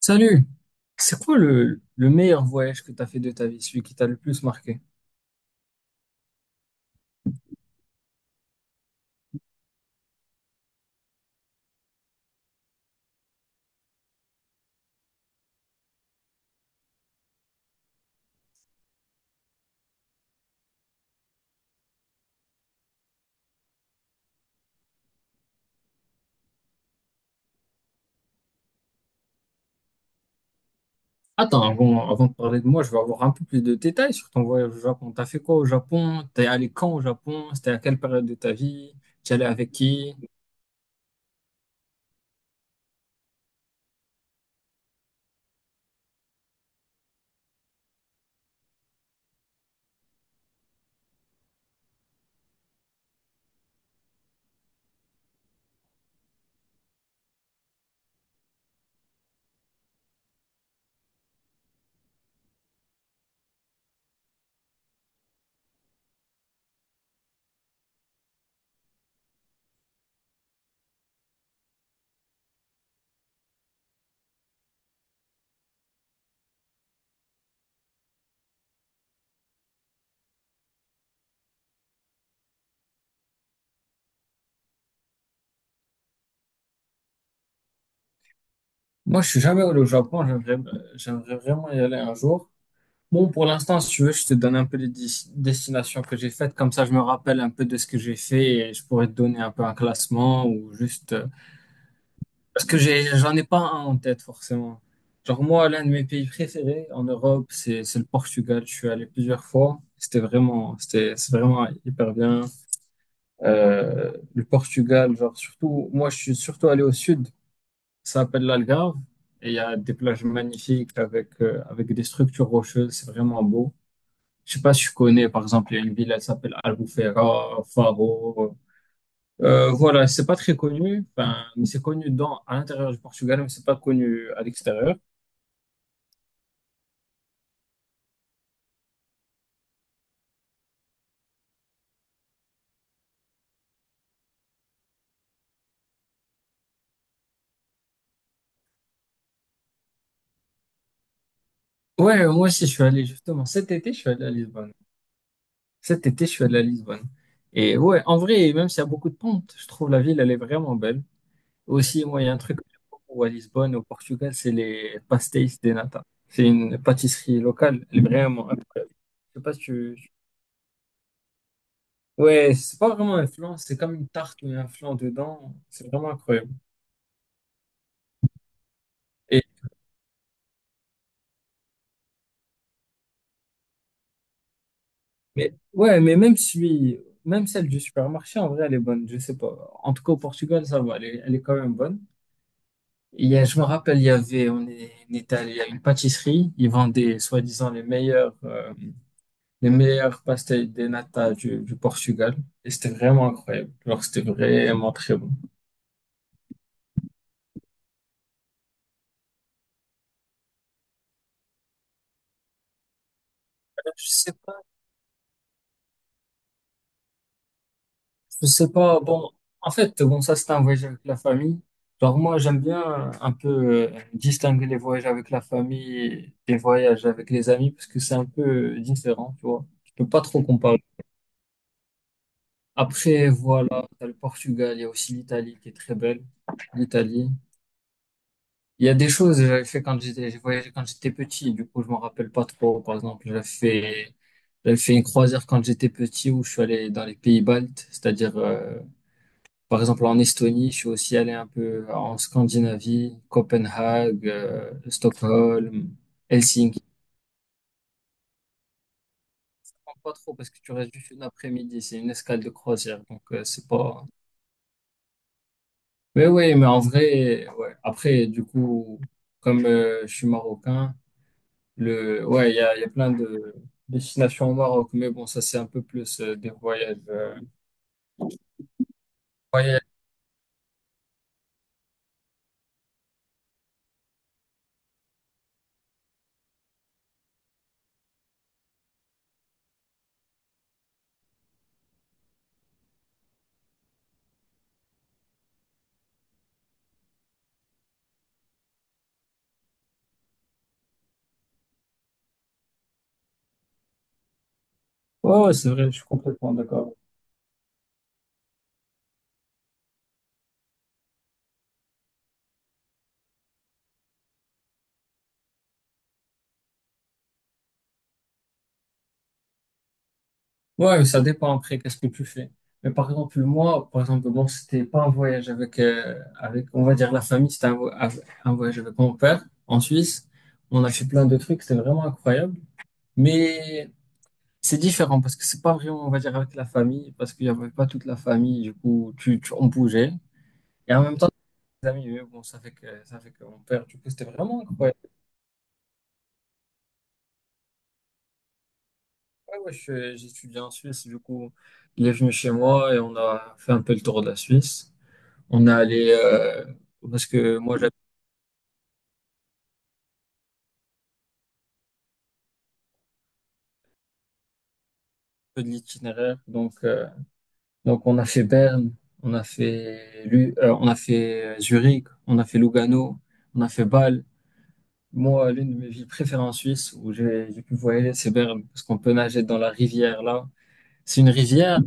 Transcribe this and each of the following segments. Salut, c'est quoi le meilleur voyage que tu as fait de ta vie, celui qui t'a le plus marqué? Attends, avant de parler de moi, je veux avoir un peu plus de détails sur ton voyage au Japon. T'as fait quoi au Japon? T'es allé quand au Japon? C'était à quelle période de ta vie? T'y allais avec qui? Moi, je suis jamais allé au Japon, j'aimerais vraiment y aller un jour. Bon, pour l'instant, si tu veux, je te donne un peu les destinations que j'ai faites, comme ça je me rappelle un peu de ce que j'ai fait et je pourrais te donner un peu un classement ou juste parce que j'en ai pas un en tête forcément. Genre moi, l'un de mes pays préférés en Europe, c'est le Portugal. Je suis allé plusieurs fois. C'est vraiment hyper bien. Le Portugal, genre surtout, moi je suis surtout allé au sud. Ça s'appelle l'Algarve et il y a des plages magnifiques avec avec des structures rocheuses. C'est vraiment beau. Je sais pas si tu connais, par exemple, il y a une ville, elle s'appelle Albufeira, Faro. Voilà, c'est pas très connu, enfin, mais c'est connu dans, à l'intérieur du Portugal, mais c'est pas connu à l'extérieur. Ouais, moi aussi, je suis allé justement. Cet été, je suis allé à Lisbonne. Cet été, je suis allé à Lisbonne. Et ouais, en vrai, même s'il y a beaucoup de pentes, je trouve la ville, elle est vraiment belle. Aussi, moi, il y a un truc que j'aime beaucoup à Lisbonne, au Portugal, c'est les pastéis de nata. C'est une pâtisserie locale, elle est vraiment incroyable. Je sais pas si tu... Ouais, c'est pas vraiment un flan, c'est comme une tarte mais un flan dedans. C'est vraiment incroyable. Mais ouais, mais même celui, même celle du supermarché, en vrai, elle est bonne. Je sais pas. En tout cas, au Portugal, ça va. Elle est quand même bonne. Je me rappelle, il y avait, on est allé à une pâtisserie. Ils vendaient, soi-disant, les meilleurs pastel de nata du Portugal. Et c'était vraiment incroyable. Alors, c'était vraiment très bon. Je sais pas. Je sais pas, bon, en fait, bon, ça c'est un voyage avec la famille. Genre moi, j'aime bien un peu distinguer les voyages avec la famille des voyages avec les amis parce que c'est un peu différent, tu vois. Je peux pas trop comparer. Après, voilà, t'as le Portugal, il y a aussi l'Italie qui est très belle. L'Italie. Il y a des choses que j'avais fait quand j'étais, j'ai voyagé quand j'étais petit, du coup, je m'en rappelle pas trop. Par exemple, j'avais fait une croisière quand j'étais petit où je suis allé dans les pays baltes, c'est-à-dire, par exemple, en Estonie, je suis aussi allé un peu en Scandinavie, Copenhague, Stockholm, Helsinki. Je comprends pas trop parce que tu restes juste une après-midi, c'est une escale de croisière, donc c'est pas. Mais oui, mais en vrai, ouais. Après, du coup, comme je suis marocain, ouais, il y a plein de destinations au Maroc, mais bon, ça c'est un peu plus des voyages. Voyages. Ouais, ouais, c'est vrai, je suis complètement d'accord. Ouais, ça dépend après, qu'est-ce que tu fais. Mais par exemple, moi, par exemple, bon, c'était pas un voyage avec, avec, on va dire, la famille, c'était un, un voyage avec mon père en Suisse. On a fait plein de trucs, c'était vraiment incroyable. Mais c'est différent parce que c'est pas vraiment, on va dire, avec la famille, parce qu'il y avait pas toute la famille, du coup, on bougeait. Et en même temps, les amis, eux, bon, ça fait que mon père, du coup, c'était vraiment incroyable. Ouais, ouais, j'étudiais en Suisse, du coup, il est venu chez moi et on a fait un peu le tour de la Suisse. On est allé, parce que moi j'avais un peu de l'itinéraire, donc on a fait Berne, on a fait Zurich, on a fait Lugano, on a fait Bâle. Moi, l'une de mes villes préférées en Suisse où j'ai pu voyager, c'est Berne, parce qu'on peut nager dans la rivière là. C'est une rivière,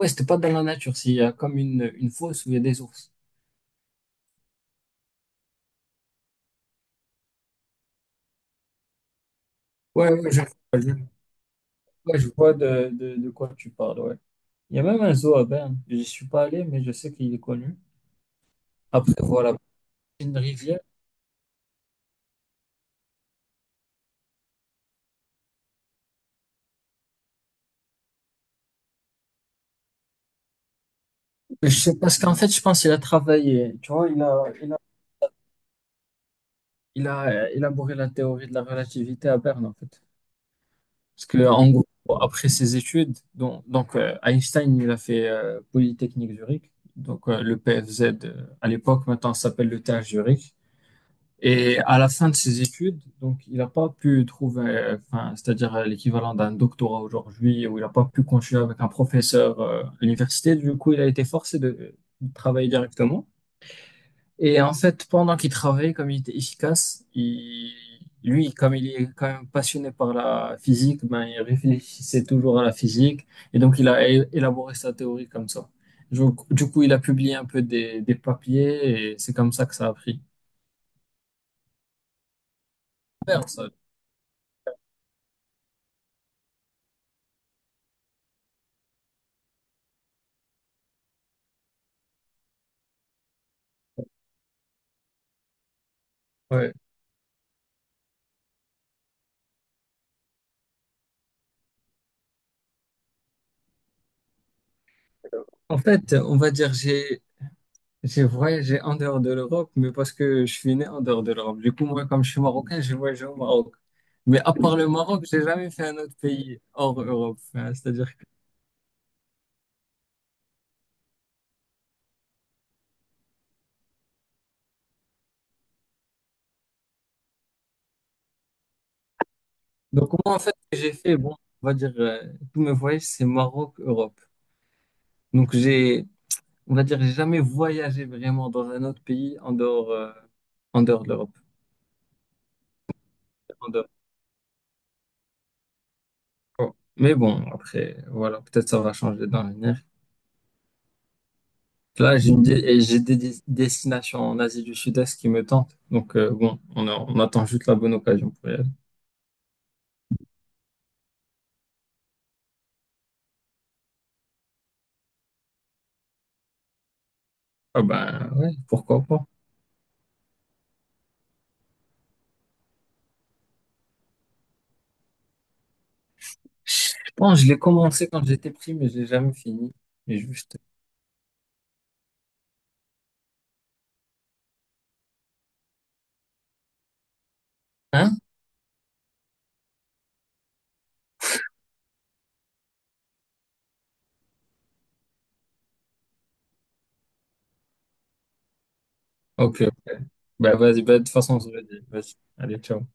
ouais, c'était pas dans la nature, c'est il y a comme une fosse où il y a des ours. Ouais, ouais, je- ouais, je vois de quoi tu parles, ouais. Il y a même un zoo à Berne. Je suis pas allé, mais je sais qu'il est connu. Après, voilà, une rivière. Mais je sais parce qu'en fait, je pense qu'il a travaillé. Tu vois, il a élaboré la théorie de la relativité à Berne, en fait. Parce que, en gros, après ses études, Einstein, il a fait Polytechnique Zurich, donc le PFZ à l'époque, maintenant ça s'appelle le TH Zurich. Et à la fin de ses études, donc il n'a pas pu trouver, enfin, c'est-à-dire l'équivalent d'un doctorat aujourd'hui, où il n'a pas pu continuer avec un professeur à l'université. Du coup, il a été forcé de travailler directement. Et en fait, pendant qu'il travaillait, comme il était efficace, lui, comme il est quand même passionné par la physique, ben, il réfléchissait toujours à la physique. Et donc, il a élaboré sa théorie comme ça. Donc, du coup, il a publié un peu des papiers et c'est comme ça que ça a pris. Super, ça. Ouais. En fait, on va dire, j'ai voyagé en dehors de l'Europe, mais parce que je suis né en dehors de l'Europe. Du coup, moi, comme je suis marocain, j'ai voyagé au Maroc. Mais à part le Maroc, j'ai jamais fait un autre pays hors Europe. Hein, c'est-à-dire donc moi en fait ce que j'ai fait, bon, on va dire tous mes voyages c'est Maroc Europe, donc j'ai on va dire j'ai jamais voyagé vraiment dans un autre pays en dehors de l'Europe en dehors. Oh. Mais bon après voilà peut-être ça va changer dans l'avenir, là j'ai une dé- et j'ai des destinations en Asie du Sud-Est qui me tentent donc bon on attend juste la bonne occasion pour y aller. Ah ben ouais pourquoi pas. Je pense que je l'ai commencé quand j'étais pris mais je l'ai jamais fini, mais juste. Hein? Ok, ok. Bah vas-y, bah, de toute façon, on se le dit. Vas-y, allez, ciao.